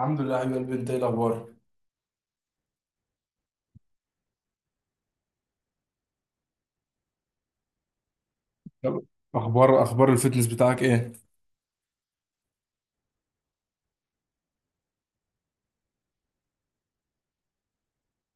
الحمد لله يا حبيب قلبي، انت ايه الاخبار؟ طب، اخبار الفتنس بتاعك ايه؟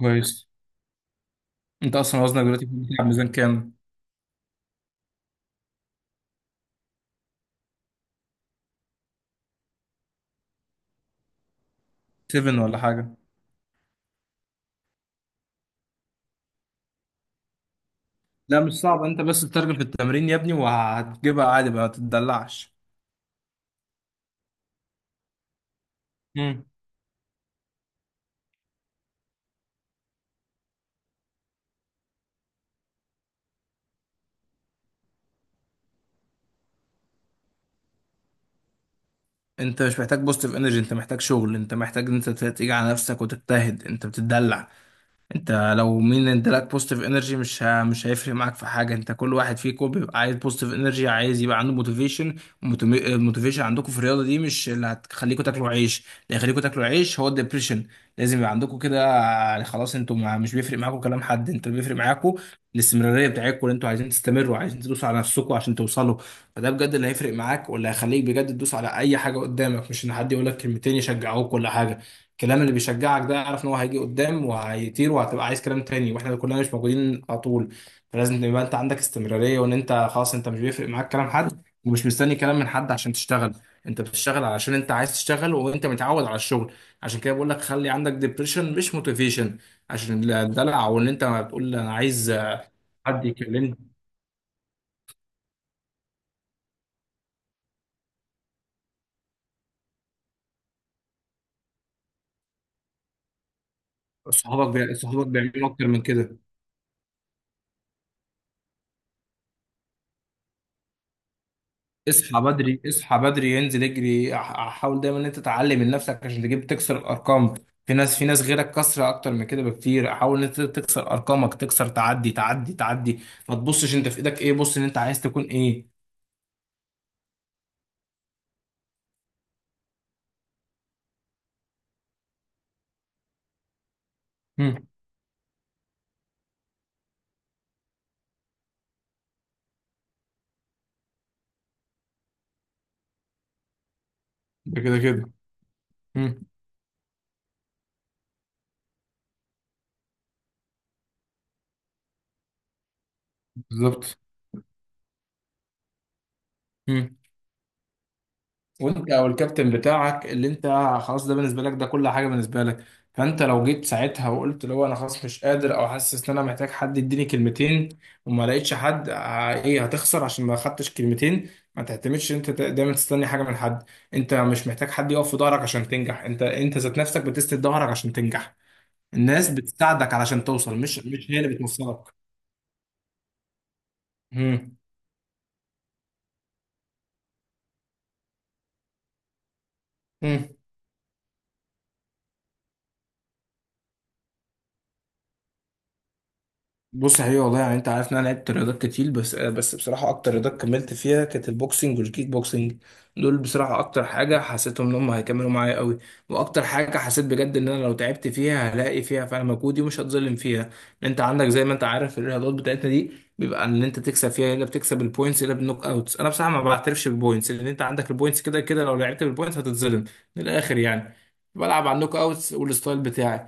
كويس. انت اصلا وزنك دلوقتي بتلعب ميزان كام؟ 7 ولا حاجه؟ لا مش صعب، انت بس تترجم في التمرين يا ابني وهتجيبها عادي بقى، ما تتدلعش. امم انت مش محتاج بوزيتيف انرجي، انت محتاج شغل، انت محتاج ان انت تيجي على نفسك وتجتهد، انت بتتدلع. انت لو مين انت لك بوزيتيف انرجي مش هيفرق معاك في حاجه. انت كل واحد فيكم بيبقى عايز بوزيتيف انرجي، عايز يبقى عنده موتيفيشن. الموتيفيشن عندكم في الرياضه دي مش اللي هتخليكم تاكلوا عيش، اللي هيخليكم تاكلوا عيش هو الدبريشن. لازم يبقى عندكم كده، يعني خلاص انتوا ما... مش بيفرق معاكم كلام حد، انتوا بيفرق معاكم الاستمراريه بتاعتكم، اللي انتوا عايزين تستمروا، عايزين تدوسوا على نفسكم عشان توصلوا. فده بجد اللي هيفرق معاك واللي هيخليك بجد تدوس على اي حاجه قدامك، مش ان حد يقول لك كلمتين يشجعوك ولا حاجه. الكلام اللي بيشجعك ده اعرف ان هو هيجي قدام وهيطير وهتبقى عايز كلام تاني، واحنا كلنا مش موجودين على طول. فلازم يبقى انت عندك استمرارية، وان انت خلاص انت مش بيفرق معاك كلام حد ومش مستني كلام من حد عشان تشتغل. انت بتشتغل علشان انت عايز تشتغل، وانت متعود على الشغل. عشان كده بقول لك خلي عندك ديبريشن مش موتيفيشن، عشان الدلع وان انت ما بتقول انا عايز حد يكلمني. صحابك بيعملوا اكتر من كده. اصحى بدري، اصحى بدري، انزل اجري، حاول دايما ان انت تعلم من نفسك عشان تجيب تكسر الارقام. في ناس غيرك كسره اكتر من كده بكتير، حاول ان انت تكسر ارقامك، تكسر، تعدي تعدي تعدي. ما تبصش انت في ايدك ايه، بص ان انت عايز تكون ايه. مم. ده كده كده. مم. بالظبط. مم. وانت او الكابتن بتاعك اللي انت خلاص، ده بالنسبه لك، ده كل حاجه بالنسبه لك. فانت لو جيت ساعتها وقلت لو انا خلاص مش قادر او حاسس ان انا محتاج حد يديني كلمتين وما لقيتش حد ايه، هتخسر عشان ما خدتش كلمتين؟ ما تعتمدش انت دايما تستني حاجه من حد. انت مش محتاج حد يقف في ظهرك عشان تنجح، انت ذات نفسك بتسند ظهرك عشان تنجح. الناس بتساعدك علشان توصل، مش هي اللي بتوصلك. امم بص حقيقي والله، يعني انت عارف ان انا لعبت رياضات كتير، بس بصراحه اكتر رياضات كملت فيها كانت البوكسنج والكيك بوكسنج. دول بصراحه اكتر حاجه حسيتهم ان هم هيكملوا معايا قوي، واكتر حاجه حسيت بجد ان انا لو تعبت فيها هلاقي فيها فعلا مجهودي ومش هتظلم فيها. انت عندك زي ما انت عارف الرياضات بتاعتنا دي بيبقى ان انت تكسب فيها الا بتكسب البوينتس الا بالنوك اوتس. انا بصراحه ما بعترفش بالبوينتس، لان انت عندك البوينتس كده كده لو لعبت بالبوينتس هتتظلم، من الاخر يعني. بلعب على النوك اوتس والستايل بتاعي.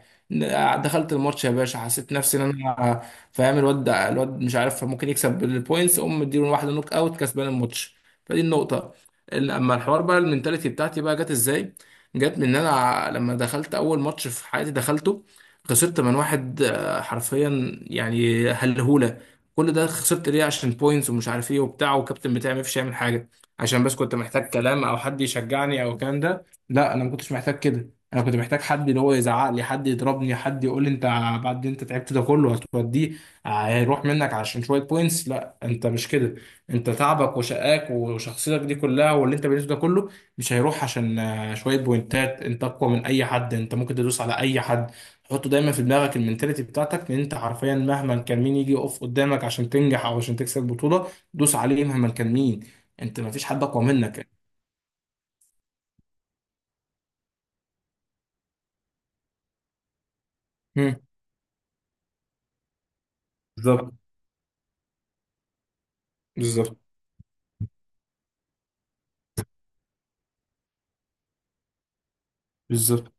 دخلت الماتش يا باشا، حسيت نفسي ان انا فاهم الواد ده، الواد مش عارف ممكن يكسب بالبوينتس، قوم مديله واحده نوك اوت كسبان الماتش. فدي النقطه. اما الحوار بقى المنتاليتي بتاعتي بقى جت ازاي؟ جت من ان انا لما دخلت اول ماتش في حياتي دخلته، خسرت من واحد حرفيا يعني هلهوله. كل ده خسرت ليه؟ عشان بوينتس ومش عارف ايه وبتاع، والكابتن بتاعي ما فيش يعمل حاجه، عشان بس كنت محتاج كلام او حد يشجعني او الكلام ده. لا انا ما كنتش محتاج كده، انا كنت محتاج حد اللي هو يزعق لي، حد يضربني، حد يقول لي انت بعد انت تعبت ده كله هتوديه؟ هيروح منك عشان شويه بوينتس؟ لا انت مش كده. انت تعبك وشقاك وشخصيتك دي كلها واللي انت بنيته ده كله مش هيروح عشان شويه بوينتات. انت اقوى من اي حد، انت ممكن تدوس على اي حد. حطه دايما في دماغك المنتاليتي بتاعتك ان انت حرفيا مهما كان مين يجي يقف قدامك عشان تنجح او عشان تكسب بطوله، دوس عليه مهما كان مين. انت مفيش حد اقوى منك. مم. بالظبط. بالظبط. بالظبط.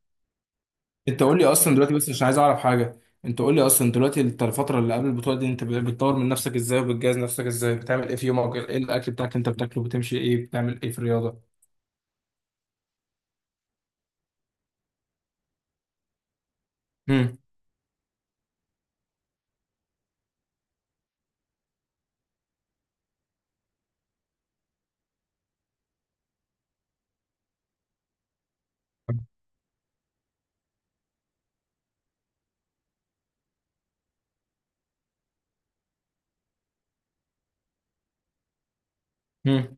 انت قول لي اصلا دلوقتي بس عشان عايز اعرف حاجه. انت قول لي اصلا دلوقتي الفتره اللي قبل البطوله دي انت بتطور من نفسك ازاي وبتجهز نفسك ازاي؟ بتعمل ايه في يومك؟ ايه الاكل بتاعك اللي انت بتاكله؟ بتمشي ايه؟ بتعمل ايه في الرياضه؟ امم. امم.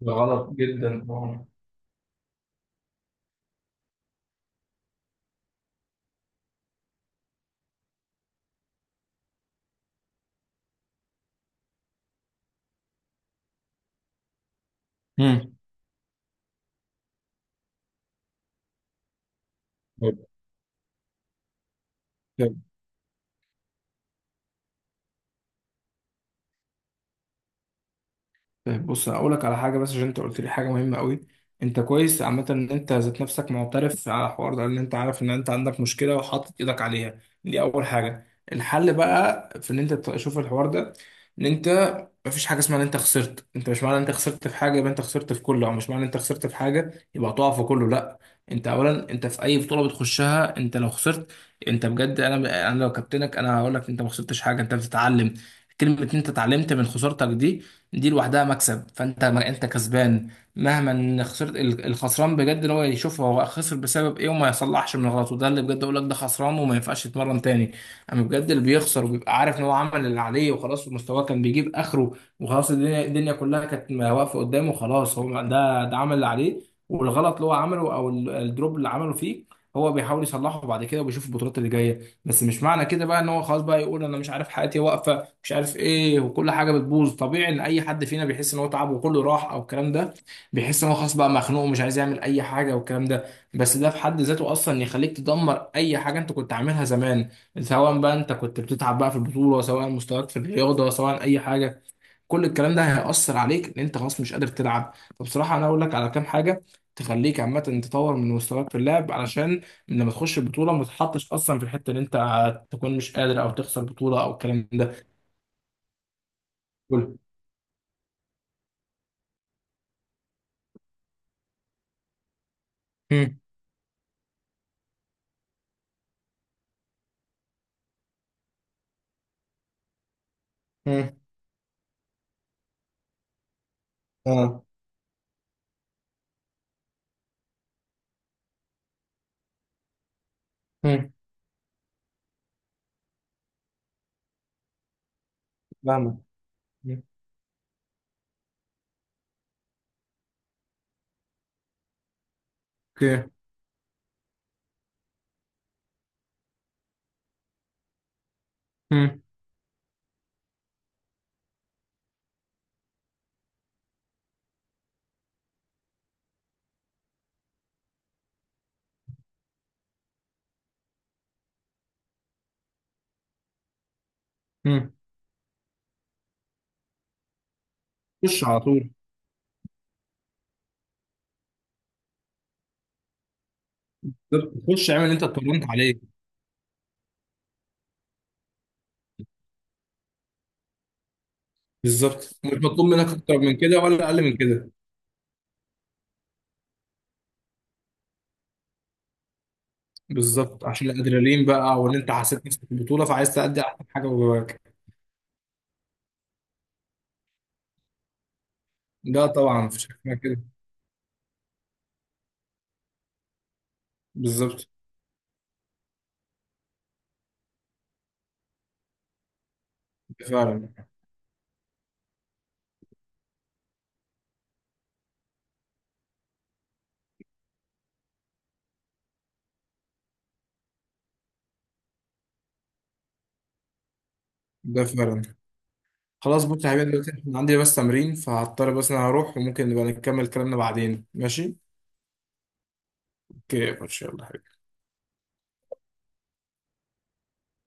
ده غلط جدا. امم. طيب. طيب. طيب، بص اقول لك على حاجه، بس عشان انت قلت لي حاجه مهمه قوي. انت كويس عامه ان انت ذات نفسك معترف على الحوار ده، ان انت عارف ان انت عندك مشكله وحاطط ايدك عليها، دي اول حاجه. الحل بقى في ان انت تشوف الحوار ده، ان انت مفيش حاجه اسمها ان انت خسرت، انت مش معنى ان انت خسرت في حاجه يبقى انت خسرت في كله، او مش معنى ان انت خسرت في حاجه يبقى هتقع في كله، لا. انت اولا انت في اي بطوله بتخشها انت لو خسرت، انت بجد انا لو كابتنك انا هقول لك انت ما خسرتش حاجه، انت بتتعلم. كلمه ان انت اتعلمت من خسارتك دي، دي لوحدها مكسب، فانت ما انت كسبان. مهما ان خسرت الخسران بجد ان هو يشوف هو خسر بسبب ايه وما يصلحش من غلطه، ده اللي بجد اقول لك ده خسران وما ينفعش يتمرن تاني. اما بجد اللي بيخسر وبيبقى عارف ان هو عمل اللي عليه وخلاص، مستواه كان بيجيب اخره وخلاص، الدنيا كلها كانت واقفه قدامه خلاص، هو ده عمل اللي عليه. والغلط اللي هو عمله او الدروب اللي عمله فيه هو بيحاول يصلحه بعد كده وبيشوف البطولات اللي جايه. بس مش معنى كده بقى ان هو خلاص بقى يقول انا مش عارف، حياتي واقفه، مش عارف ايه، وكل حاجه بتبوظ. طبيعي ان اي حد فينا بيحس ان هو تعب وكله راح او الكلام ده، بيحس ان هو خلاص بقى مخنوق ومش عايز يعمل اي حاجه والكلام ده. بس ده في حد ذاته اصلا يخليك تدمر اي حاجه انت كنت عاملها زمان، سواء بقى انت كنت بتتعب بقى في البطوله، سواء مستواك في الرياضه، سواء اي حاجه. كل الكلام ده هيأثر عليك ان انت خلاص مش قادر تلعب. فبصراحة انا اقول لك على كام حاجة تخليك عامة تطور من مستواك في اللعب، علشان لما تخش البطولة ما تتحطش اصلا في الحتة ان انت تكون مش قادر او تخسر بطولة او الكلام ده. قول. مم. مم. اه. مم. فاهمك. مم. اوكي. مم. مم. خش على طول. خش اعمل اللي انت اتمرنت عليه. بالظبط مش مطلوب منك اكتر من كده ولا اقل من كده. بالظبط، عشان الادرينالين بقى وان انت حسيت نفسك في البطوله فعايز تأدي احسن حاجه جواك. لا طبعا مفيش حاجة اسمها كده. بالظبط. ده فعلا. ده فعلا. خلاص بص يا حبيبي، دلوقتي احنا عندي بس تمرين فهضطر بس انا هروح، وممكن نبقى نكمل كلامنا بعدين، ماشي؟ اوكي يا باشا، يلا.